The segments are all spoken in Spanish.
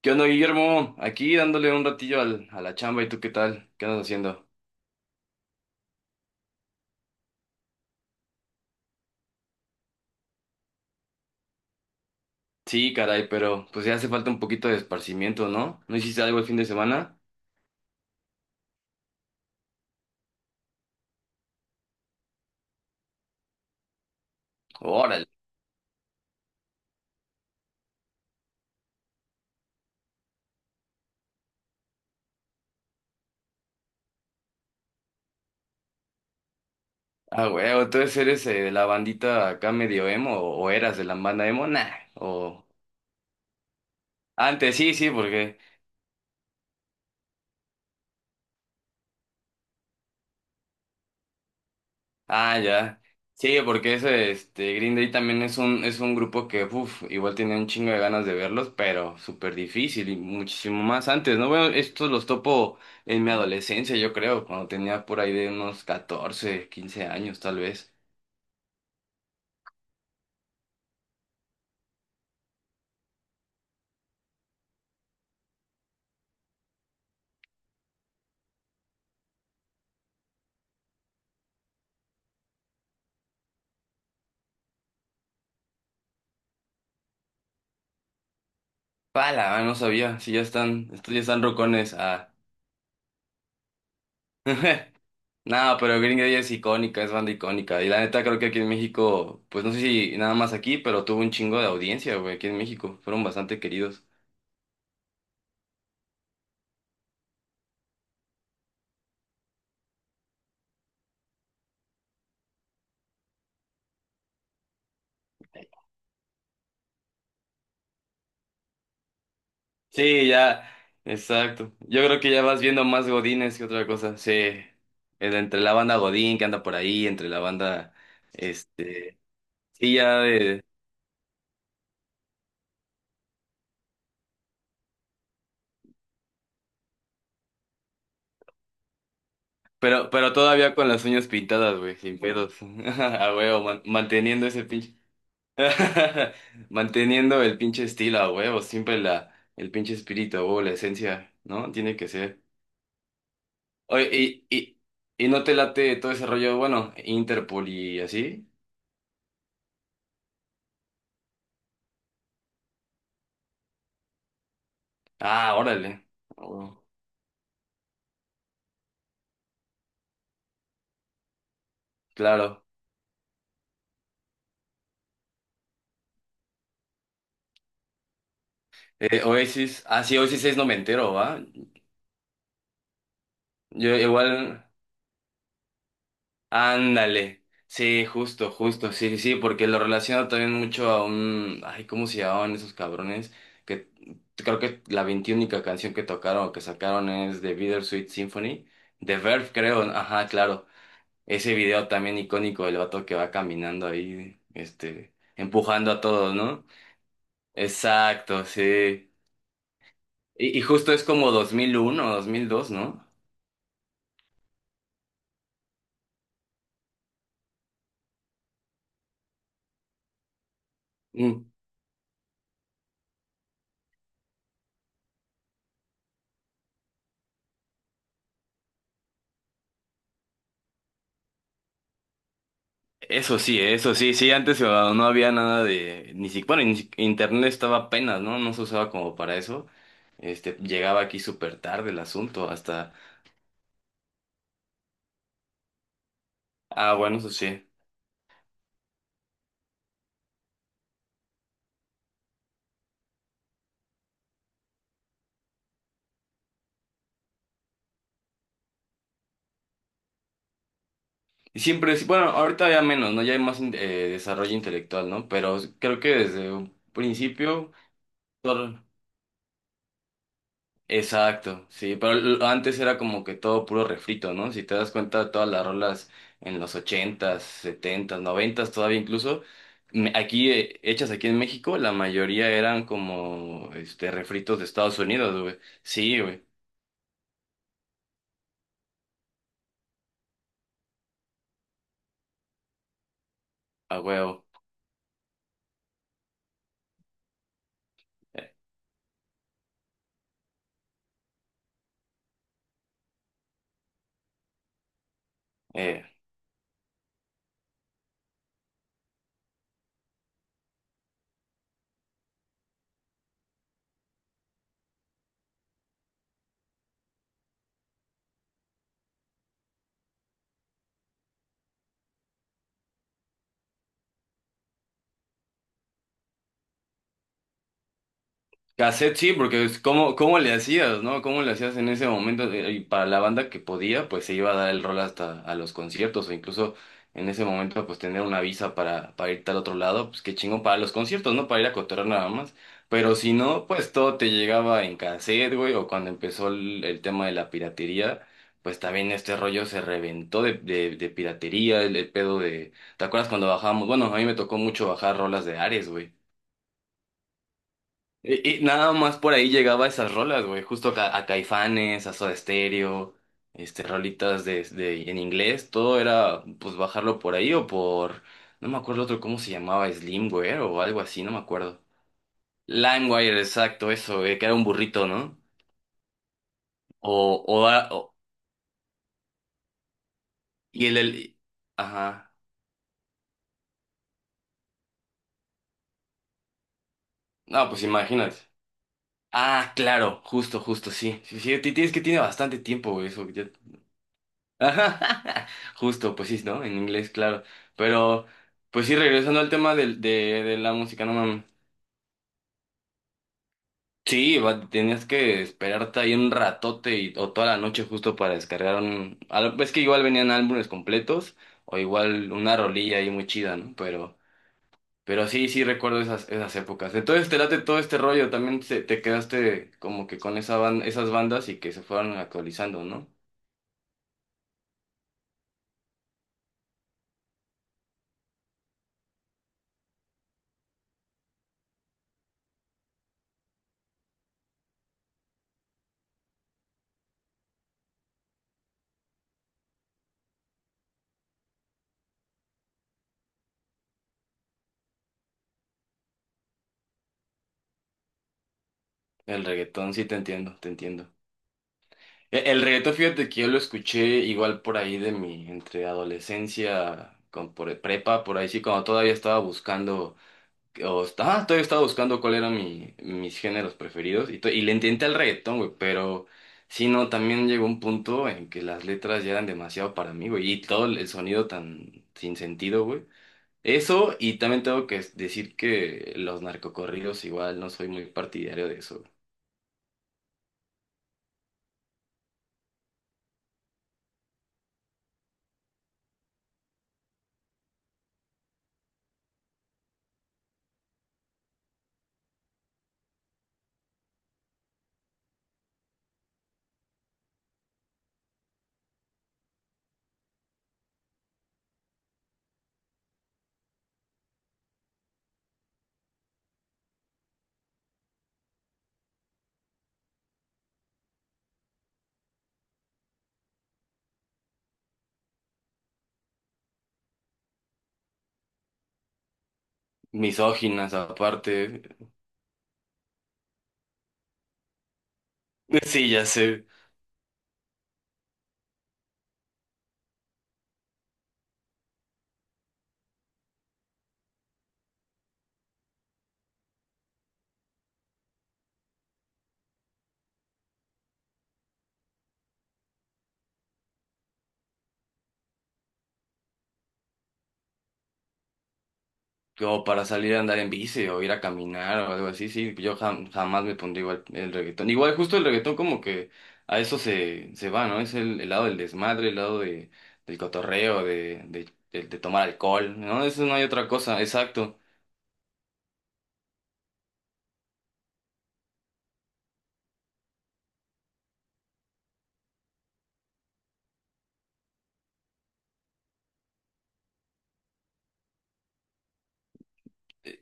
¿Qué onda, Guillermo? Aquí dándole un ratillo a la chamba, ¿y tú qué tal? ¿Qué andas haciendo? Sí, caray, pero pues ya hace falta un poquito de esparcimiento, ¿no? ¿No hiciste algo el fin de semana? Órale. Ah, huevo, entonces eres de la bandita acá medio emo, o eras de la banda emo, nah. O antes sí, sí, porque ah, ya. Sí, porque Green Day también es un grupo que, uff, igual tenía un chingo de ganas de verlos, pero súper difícil y muchísimo más antes, ¿no? Bueno, estos los topo en mi adolescencia, yo creo, cuando tenía por ahí de unos 14, 15 años, tal vez. Pala, no sabía, si ya están, estos ya están rocones, ah. No, pero Green Day es icónica, es banda icónica. Y la neta creo que aquí en México, pues no sé si nada más aquí, pero tuvo un chingo de audiencia, güey, aquí en México. Fueron bastante queridos. Sí, ya, exacto. Yo creo que ya vas viendo más Godines que otra cosa. Sí, el- entre la banda Godín que anda por ahí, entre la banda, este, sí, ya de, pero todavía con las uñas pintadas, güey, sin pedos. A huevo, man- manteniendo ese pinche, manteniendo el pinche estilo, a huevo, siempre la, el pinche espíritu, a huevo, la esencia, ¿no? Tiene que ser. Oye, y no te late todo ese rollo, bueno, Interpol y así. Ah, órale. A huevo. Claro. Oasis, ah, sí, Oasis es no me entero, ¿va? Yo igual, ándale. Sí, justo, justo, sí, sí, sí, porque lo relaciono también mucho a un, ay, ¿cómo se llamaban esos cabrones? Que creo que la veintiúnica canción que tocaron o que sacaron es The Bittersweet Symphony, de Verve, creo, ajá, claro. Ese video también icónico del vato que va caminando ahí, este, empujando a todos, ¿no? Exacto, sí. Y justo es como 2001 o 2002, ¿no? Eso sí, sí, antes no había nada de, ni siquiera, bueno, ni si- internet estaba apenas, ¿no? No se usaba como para eso. Este, llegaba aquí súper tarde el asunto, hasta, ah, bueno, eso sí. Y siempre, es- bueno, ahorita ya menos, ¿no? Ya hay más in- desarrollo intelectual, ¿no? Pero creo que desde un principio, exacto, sí, pero l- antes era como que todo puro refrito, ¿no? Si te das cuenta, todas las rolas en los ochentas, setentas, noventas, todavía incluso, me- aquí, hechas aquí en México, la mayoría eran como, este, refritos de Estados Unidos, güey. Sí, güey, a huevo. Eh, eh, Cassette sí, porque es cómo, cómo le hacías, ¿no? ¿Cómo le hacías en ese momento? Y para la banda que podía, pues se iba a dar el rol hasta a los conciertos, o incluso en ese momento, pues tener una visa para irte al otro lado, pues qué chingón para los conciertos, ¿no? Para ir a cotorrear nada más. Pero si no, pues todo te llegaba en cassette, güey, o cuando empezó el tema de la piratería, pues también este rollo se reventó de piratería, el pedo de... ¿Te acuerdas cuando bajábamos? Bueno, a mí me tocó mucho bajar rolas de Ares, güey. Y nada más por ahí llegaba esas rolas, güey. Justo Caifanes, a Soda Stereo, este, rolitas de- en inglés. Todo era, pues, bajarlo por ahí o por... No me acuerdo otro cómo se llamaba, Slimware o algo así, no me acuerdo. LimeWire, exacto, eso, que era un burrito, ¿no? O, a- o- y el... Ajá. No, pues imagínate. Ah, claro, justo, justo, sí. Sí, sí, ti- tienes que tiene bastante tiempo, güey, eso. Ajá, justo, pues sí, ¿no? En inglés, claro. Pero, pues sí, regresando al tema del- la música, no mames. Sí, va- tenías que esperarte ahí un ratote y- o toda la noche justo para descargar un... al- Es que igual venían álbumes completos o igual una rolilla ahí muy chida, ¿no? Pero sí, sí recuerdo esas épocas. Entonces te late todo este rollo, también se- te quedaste como que con esa ban- esas bandas y que se fueron actualizando, ¿no? El reggaetón, sí te entiendo, te entiendo. E- El reggaetón, fíjate que yo lo escuché igual por ahí de mi, entre adolescencia, con, por e-, prepa, por ahí sí, cuando todavía estaba buscando, o, está- ah, todavía estaba buscando cuál eran mi, mis géneros preferidos, y, to- y le intenté al reggaetón, güey, pero sí, no, también llegó un punto en que las letras ya eran demasiado para mí, güey, y todo el sonido tan sin sentido, güey. Eso, y también tengo que decir que los narcocorridos igual no soy muy partidario de eso. Güey. Misóginas aparte. Sí, ya sé. O para salir a andar en bici o ir a caminar o algo así, sí, yo jam- jamás me pondría igual el reggaetón. Igual justo el reggaetón como que a eso se va, ¿no? Es el lado del desmadre, el lado de, del cotorreo, de tomar alcohol, ¿no? Eso no hay otra cosa, exacto. Eh,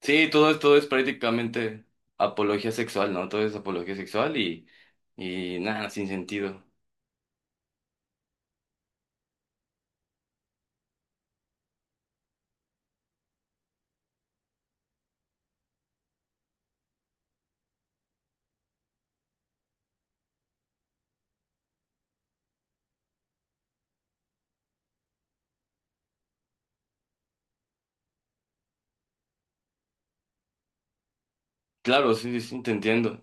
sí, todo esto es prácticamente apología sexual, ¿no? Todo es apología sexual y nada, sin sentido. Claro, sí, sí, sí, te entiendo.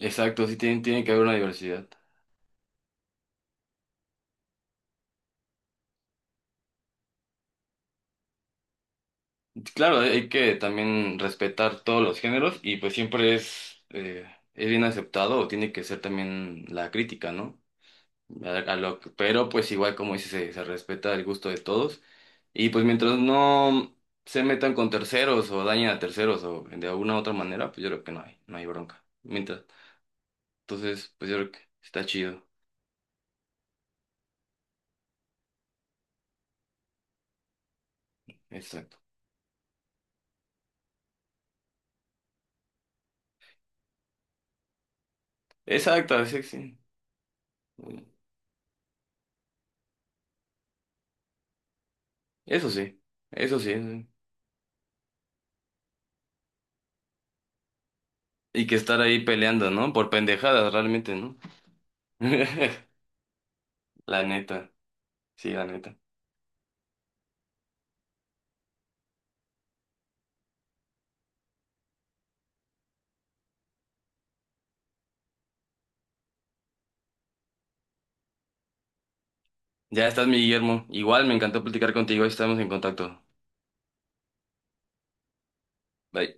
Exacto, sí tiene, tiene que haber una diversidad. Claro, hay que también respetar todos los géneros y pues siempre es bien aceptado o tiene que ser también la crítica, ¿no? A lo que- pero pues igual como dices, se respeta el gusto de todos y pues mientras no se metan con terceros o dañen a terceros o de alguna u otra manera, pues yo creo que no hay, no hay bronca. Mientras, entonces, pues yo creo que está chido. Exacto. Exacto, sí, sí. Eso sí, eso sí. Y que estar ahí peleando, ¿no? Por pendejadas realmente, no la neta, sí, la neta. Ya estás, mi Guillermo. Igual me encantó platicar contigo, ahí estamos en contacto. Bye.